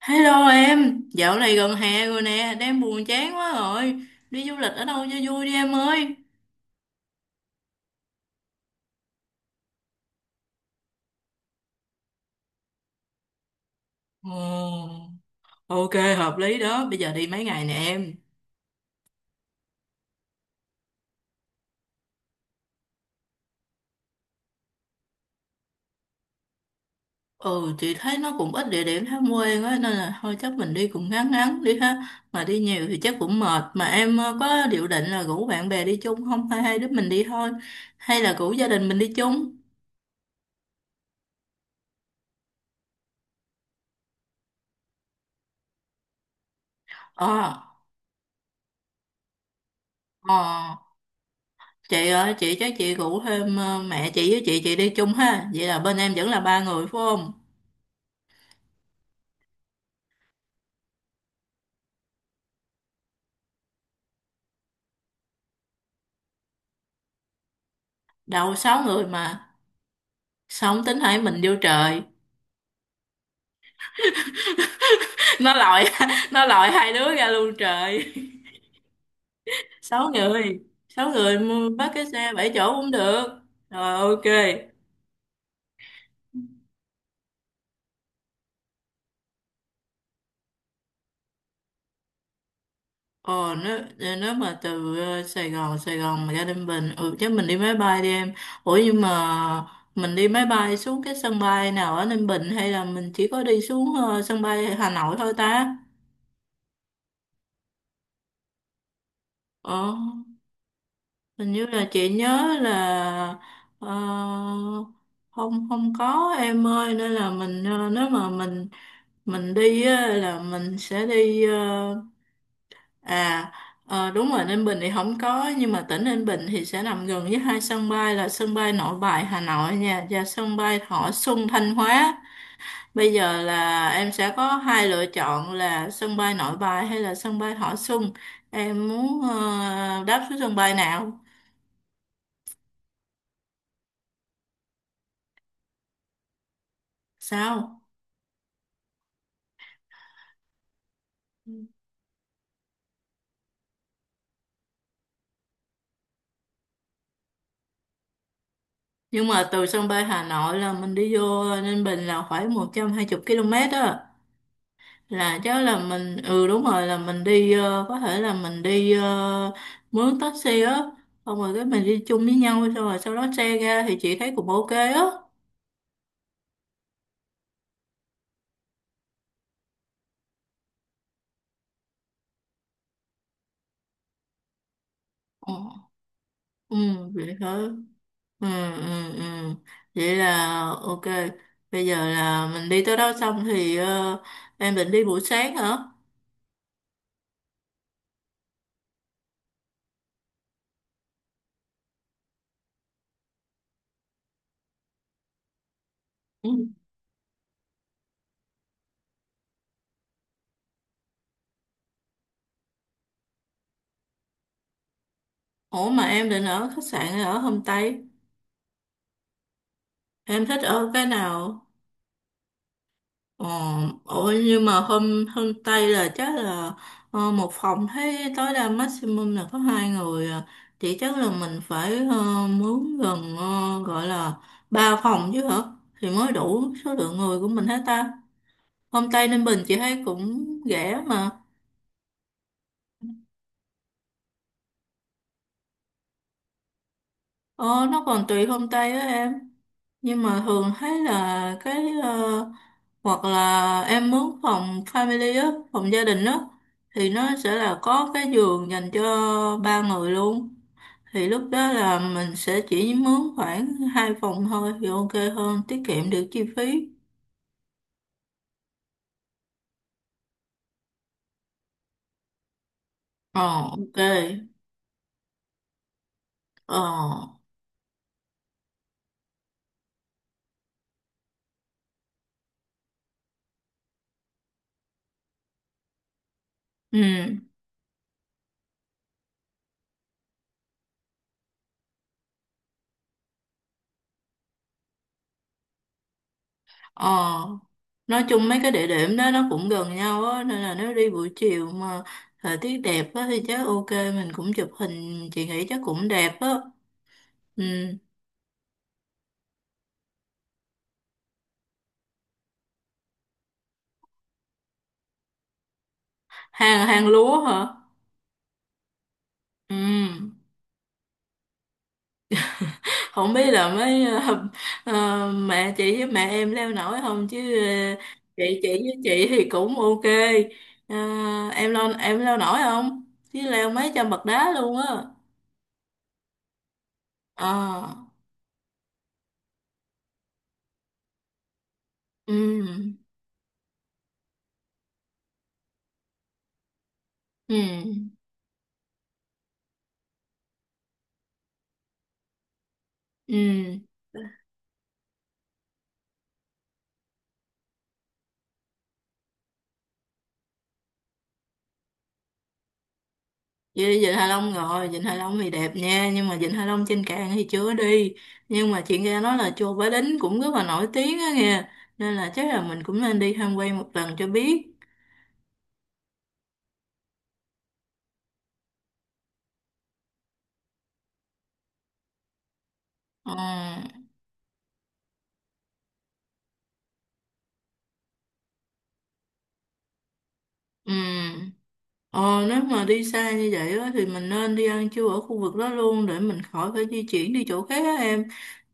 Hello em, dạo này gần hè rồi nè, đang buồn chán quá rồi. Đi du lịch ở đâu cho vui đi em ơi. Ồ, ok, hợp lý đó, bây giờ đi mấy ngày nè em. Ừ, chị thấy nó cũng ít địa điểm tham quan á, nên là thôi chắc mình đi cũng ngắn ngắn đi ha. Mà đi nhiều thì chắc cũng mệt, mà em có dự định là rủ bạn bè đi chung không? Hay hai đứa mình đi thôi, hay là rủ gia đình mình đi chung? Ờ, ờ. Chị ơi chắc chị rủ thêm mẹ chị với chị đi chung ha, vậy là bên em vẫn là ba người phải không? Đâu sáu người mà. Sao không tính hai mình vô trời. Nó lòi nó lòi hai đứa ra luôn trời. Sáu người. Sáu người bắt cái xe bảy chỗ cũng được. Rồi ok. Ồ, nếu mà từ Sài Gòn mà ra Ninh Bình, ừ chứ mình đi máy bay đi em. Ủa nhưng mà mình đi máy bay xuống cái sân bay nào ở Ninh Bình? Hay là mình chỉ có đi xuống sân bay Hà Nội thôi ta? Ờ, hình như là chị nhớ là, ờ, không, không có em ơi, nên là mình, ờ, nếu mà mình đi á, là mình sẽ đi à đúng rồi, Ninh Bình thì không có nhưng mà tỉnh Ninh Bình thì sẽ nằm gần với hai sân bay là sân bay Nội Bài Hà Nội nha và sân bay Thọ Xuân Thanh Hóa. Bây giờ là em sẽ có hai lựa chọn là sân bay Nội Bài hay là sân bay Thọ Xuân. Em muốn đáp xuống sân bay nào? Sao. Nhưng mà từ sân bay Hà Nội là mình đi vô Ninh Bình là khoảng 120 km á. Là chắc là mình, ừ đúng rồi, là mình đi, có thể là mình đi mướn taxi á. Xong rồi cái mình đi chung với nhau xong rồi sau đó xe ra thì chị thấy cũng ok á. Ờ. Ừ, vậy hả? Ừ, ừ. Vậy là ok. Bây giờ là mình đi tới đó xong thì em định đi buổi sáng hả? Ừ. Ủa mà em định ở khách sạn hay ở homestay? Em thích ở cái nào? Ờ, ủa nhưng mà hôm hôm Tây là chắc là một phòng thấy tối đa maximum là có hai người à. Thì chắc là mình phải mướn gần, gọi là ba phòng chứ hả? Thì mới đủ số lượng người của mình hết ta. Hôm Tây Ninh Bình chị thấy cũng rẻ mà. Ờ, nó còn tùy hôm tây á em. Nhưng mà thường thấy là hoặc là em mướn phòng family á, phòng gia đình á thì nó sẽ là có cái giường dành cho ba người luôn. Thì lúc đó là mình sẽ chỉ mướn khoảng hai phòng thôi thì ok hơn, tiết kiệm được chi phí. Ờ ok. Ờ ừ. Ờ, nói chung mấy cái địa điểm đó nó cũng gần nhau á, nên là nếu đi buổi chiều mà thời tiết đẹp á thì chắc ok, mình cũng chụp hình, chị nghĩ chắc cũng đẹp á. Ừ. Hàng hàng lúa hả? Ừ. Không biết là mấy mẹ chị với mẹ em leo nổi không chứ chị thì cũng ok. Ờ, em leo nổi không? Chứ leo mấy trăm bậc đá luôn á. Ờ. Ừ. Ừ. Ừ. Với Vịnh Hạ Long rồi, Vịnh Hạ Long thì đẹp nha, nhưng mà Vịnh Hạ Long trên cạn thì chưa đi. Nhưng mà chuyện ra nói là chùa Bái Đính cũng rất là nổi tiếng á nghe, nên là chắc là mình cũng nên đi tham quan một lần cho biết. Ờ, ừ, Ờ, nếu mà đi xa như vậy á, thì mình nên đi ăn trưa ở khu vực đó luôn để mình khỏi phải di chuyển đi chỗ khác á em.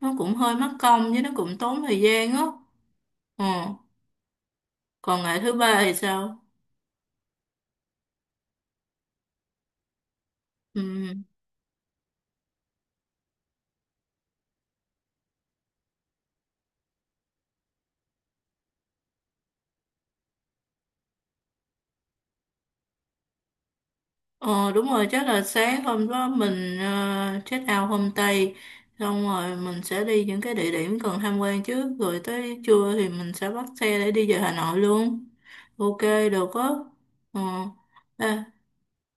Nó cũng hơi mất công với nó cũng tốn thời gian á. Ờ, còn ngày thứ ba thì sao? Ừ. Ờ đúng rồi, chắc là sáng hôm đó mình check out homestay xong rồi mình sẽ đi những cái địa điểm cần tham quan trước rồi tới trưa thì mình sẽ bắt xe để đi về Hà Nội luôn. Ok, được á. ờ à,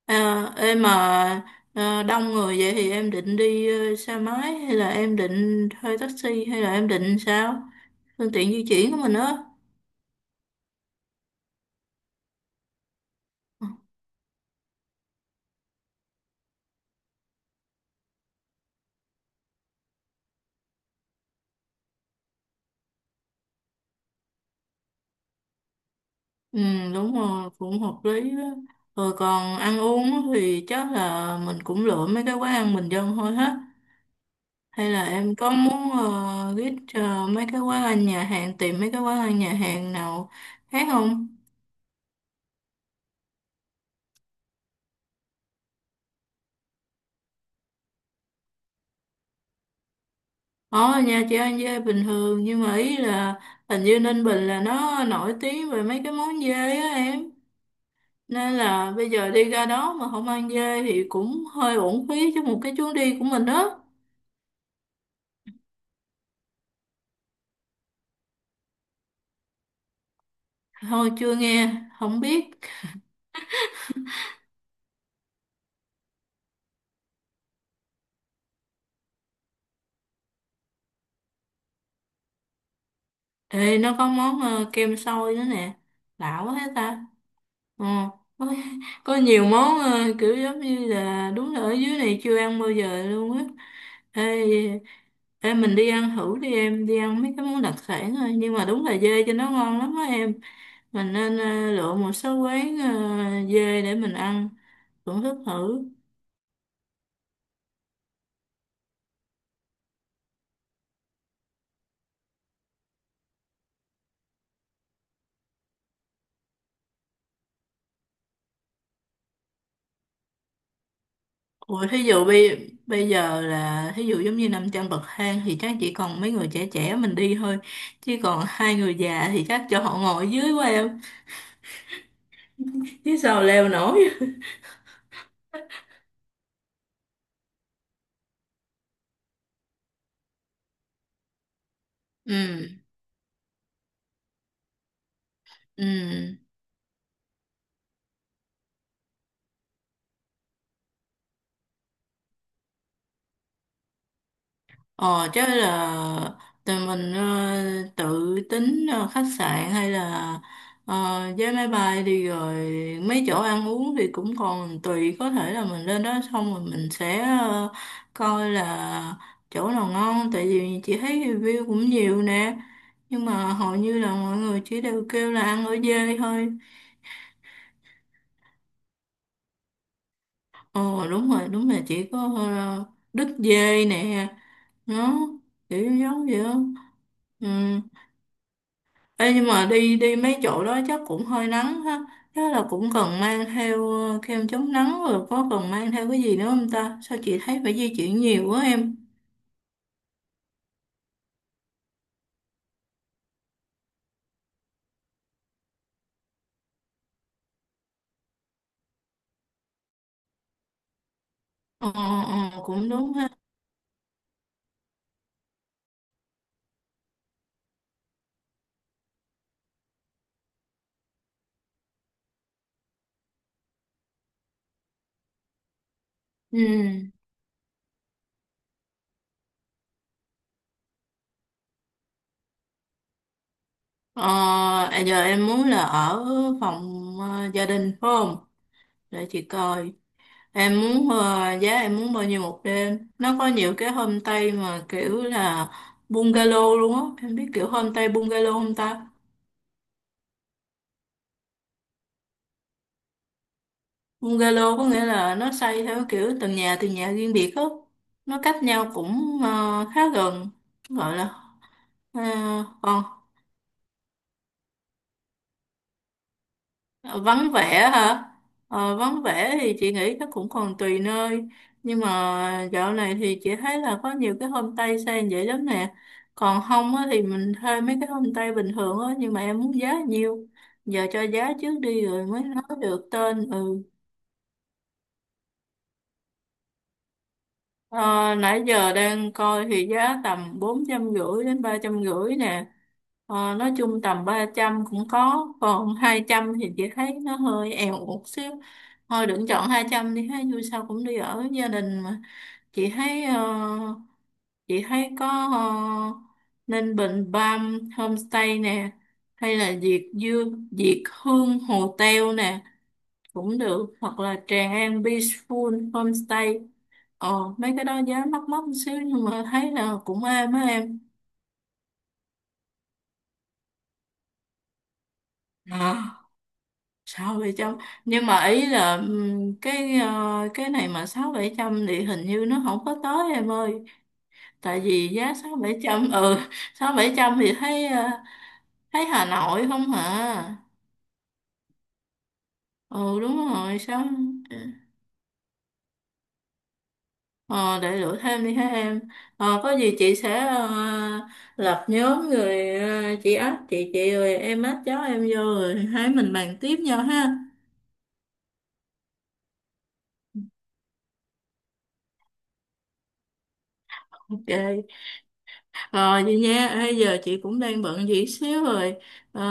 em mà đông người vậy thì em định đi xe máy hay là em định thuê taxi hay là em định sao, phương tiện di chuyển của mình á? Ừ, đúng rồi, cũng hợp lý đó. Rồi còn ăn uống á thì chắc là mình cũng lựa mấy cái quán ăn bình dân thôi hết. Hay là em có muốn mấy cái quán ăn nhà hàng, tìm mấy cái quán ăn nhà hàng nào khác không? Ở nhà chị ăn dê bình thường, nhưng mà ý là hình như Ninh Bình là nó nổi tiếng về mấy cái món dê á em. Nên là bây giờ đi ra đó mà không ăn dê thì cũng hơi uổng phí cho một cái chuyến đi của mình đó. Thôi chưa nghe, không biết. Ê, nó có món kem xôi nữa nè. Lạ quá hết ta. Ờ, có, có nhiều món kiểu giống như là đúng là ở dưới này chưa ăn bao giờ luôn á. Ê, ê, mình đi ăn thử đi em, đi ăn mấy cái món đặc sản thôi. Nhưng mà đúng là dê cho nó ngon lắm á em. Mình nên lựa một số quán dê để mình ăn, thưởng thức thử. Ủa, thí dụ bây bây giờ là thí dụ giống như 500 bậc thang thì chắc chỉ còn mấy người trẻ trẻ mình đi thôi, chứ còn hai người già thì chắc cho họ ngồi dưới quá em, chứ sao leo nổi. Ừ, ừ. Ờ chứ là tụi mình tự tính khách sạn hay là vé máy bay đi rồi mấy chỗ ăn uống thì cũng còn tùy, có thể là mình lên đó xong rồi mình sẽ coi là chỗ nào ngon, tại vì chị thấy review cũng nhiều nè, nhưng mà hầu như là mọi người chỉ đều kêu là ăn ở dê thôi. Ờ đúng rồi, đúng là chỉ có đứt dê nè, nó kiểu giống vậy đó. Ừ. Ê, nhưng mà đi đi mấy chỗ đó chắc cũng hơi nắng ha. Chắc là cũng cần mang theo kem chống nắng, rồi có cần mang theo cái gì nữa không ta? Sao chị thấy phải di chuyển nhiều quá em? Ờ, ờ, ờ, cũng đúng ha. Ừ. Ờ, à, giờ em muốn là ở phòng gia đình phải không? Để chị coi. Em muốn giá em muốn bao nhiêu một đêm? Nó có nhiều cái homestay mà kiểu là bungalow luôn á. Em biết kiểu homestay bungalow không ta? Bungalow có nghĩa là nó xây theo kiểu từng nhà riêng biệt á. Nó cách nhau cũng khá gần. Gọi là ờ, còn vắng vẻ hả? Ờ, vắng vẻ thì chị nghĩ chắc cũng còn tùy nơi. Nhưng mà dạo này thì chị thấy là có nhiều cái homestay xây vậy lắm nè. Còn không á, thì mình thuê mấy cái homestay bình thường á. Nhưng mà em muốn giá nhiêu? Giờ cho giá trước đi rồi mới nói được tên. Ừ. Ờ, nãy giờ đang coi thì giá tầm bốn trăm rưỡi đến ba trăm rưỡi nè, nói chung tầm 300 cũng có, còn 200 thì chị thấy nó hơi èo một xíu. Thôi đừng chọn 200 đi ha, dù sao cũng đi ở gia đình mà. chị thấy ờ, chị thấy có ờ, nên Bình Bam Homestay nè, hay là Diệt Dương Diệt Hương Hotel nè cũng được, hoặc là Tràng An Peaceful Homestay. Ờ, mấy cái đó giá mắc mắc một xíu nhưng mà thấy là cũng êm á em. À, sáu bảy trăm, nhưng mà ý là cái này mà sáu bảy trăm thì hình như nó không có tới em ơi, tại vì giá sáu bảy trăm ừ, sáu bảy trăm thì thấy thấy Hà Nội không hả. Ừ đúng rồi sáu. Ờ, để lựa thêm đi ha em. Ờ, có gì chị sẽ lập nhóm rồi chị ách chị rồi em ách cháu em vô rồi hai mình bàn tiếp nhau ha. Ok, rồi vậy nha. Ê, giờ chị cũng đang bận gì xíu rồi. Ờ,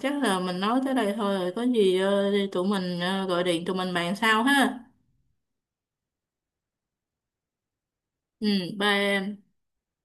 chắc là mình nói tới đây thôi rồi, có gì tụi mình gọi điện tụi mình bàn sau ha. Ừ, bye em.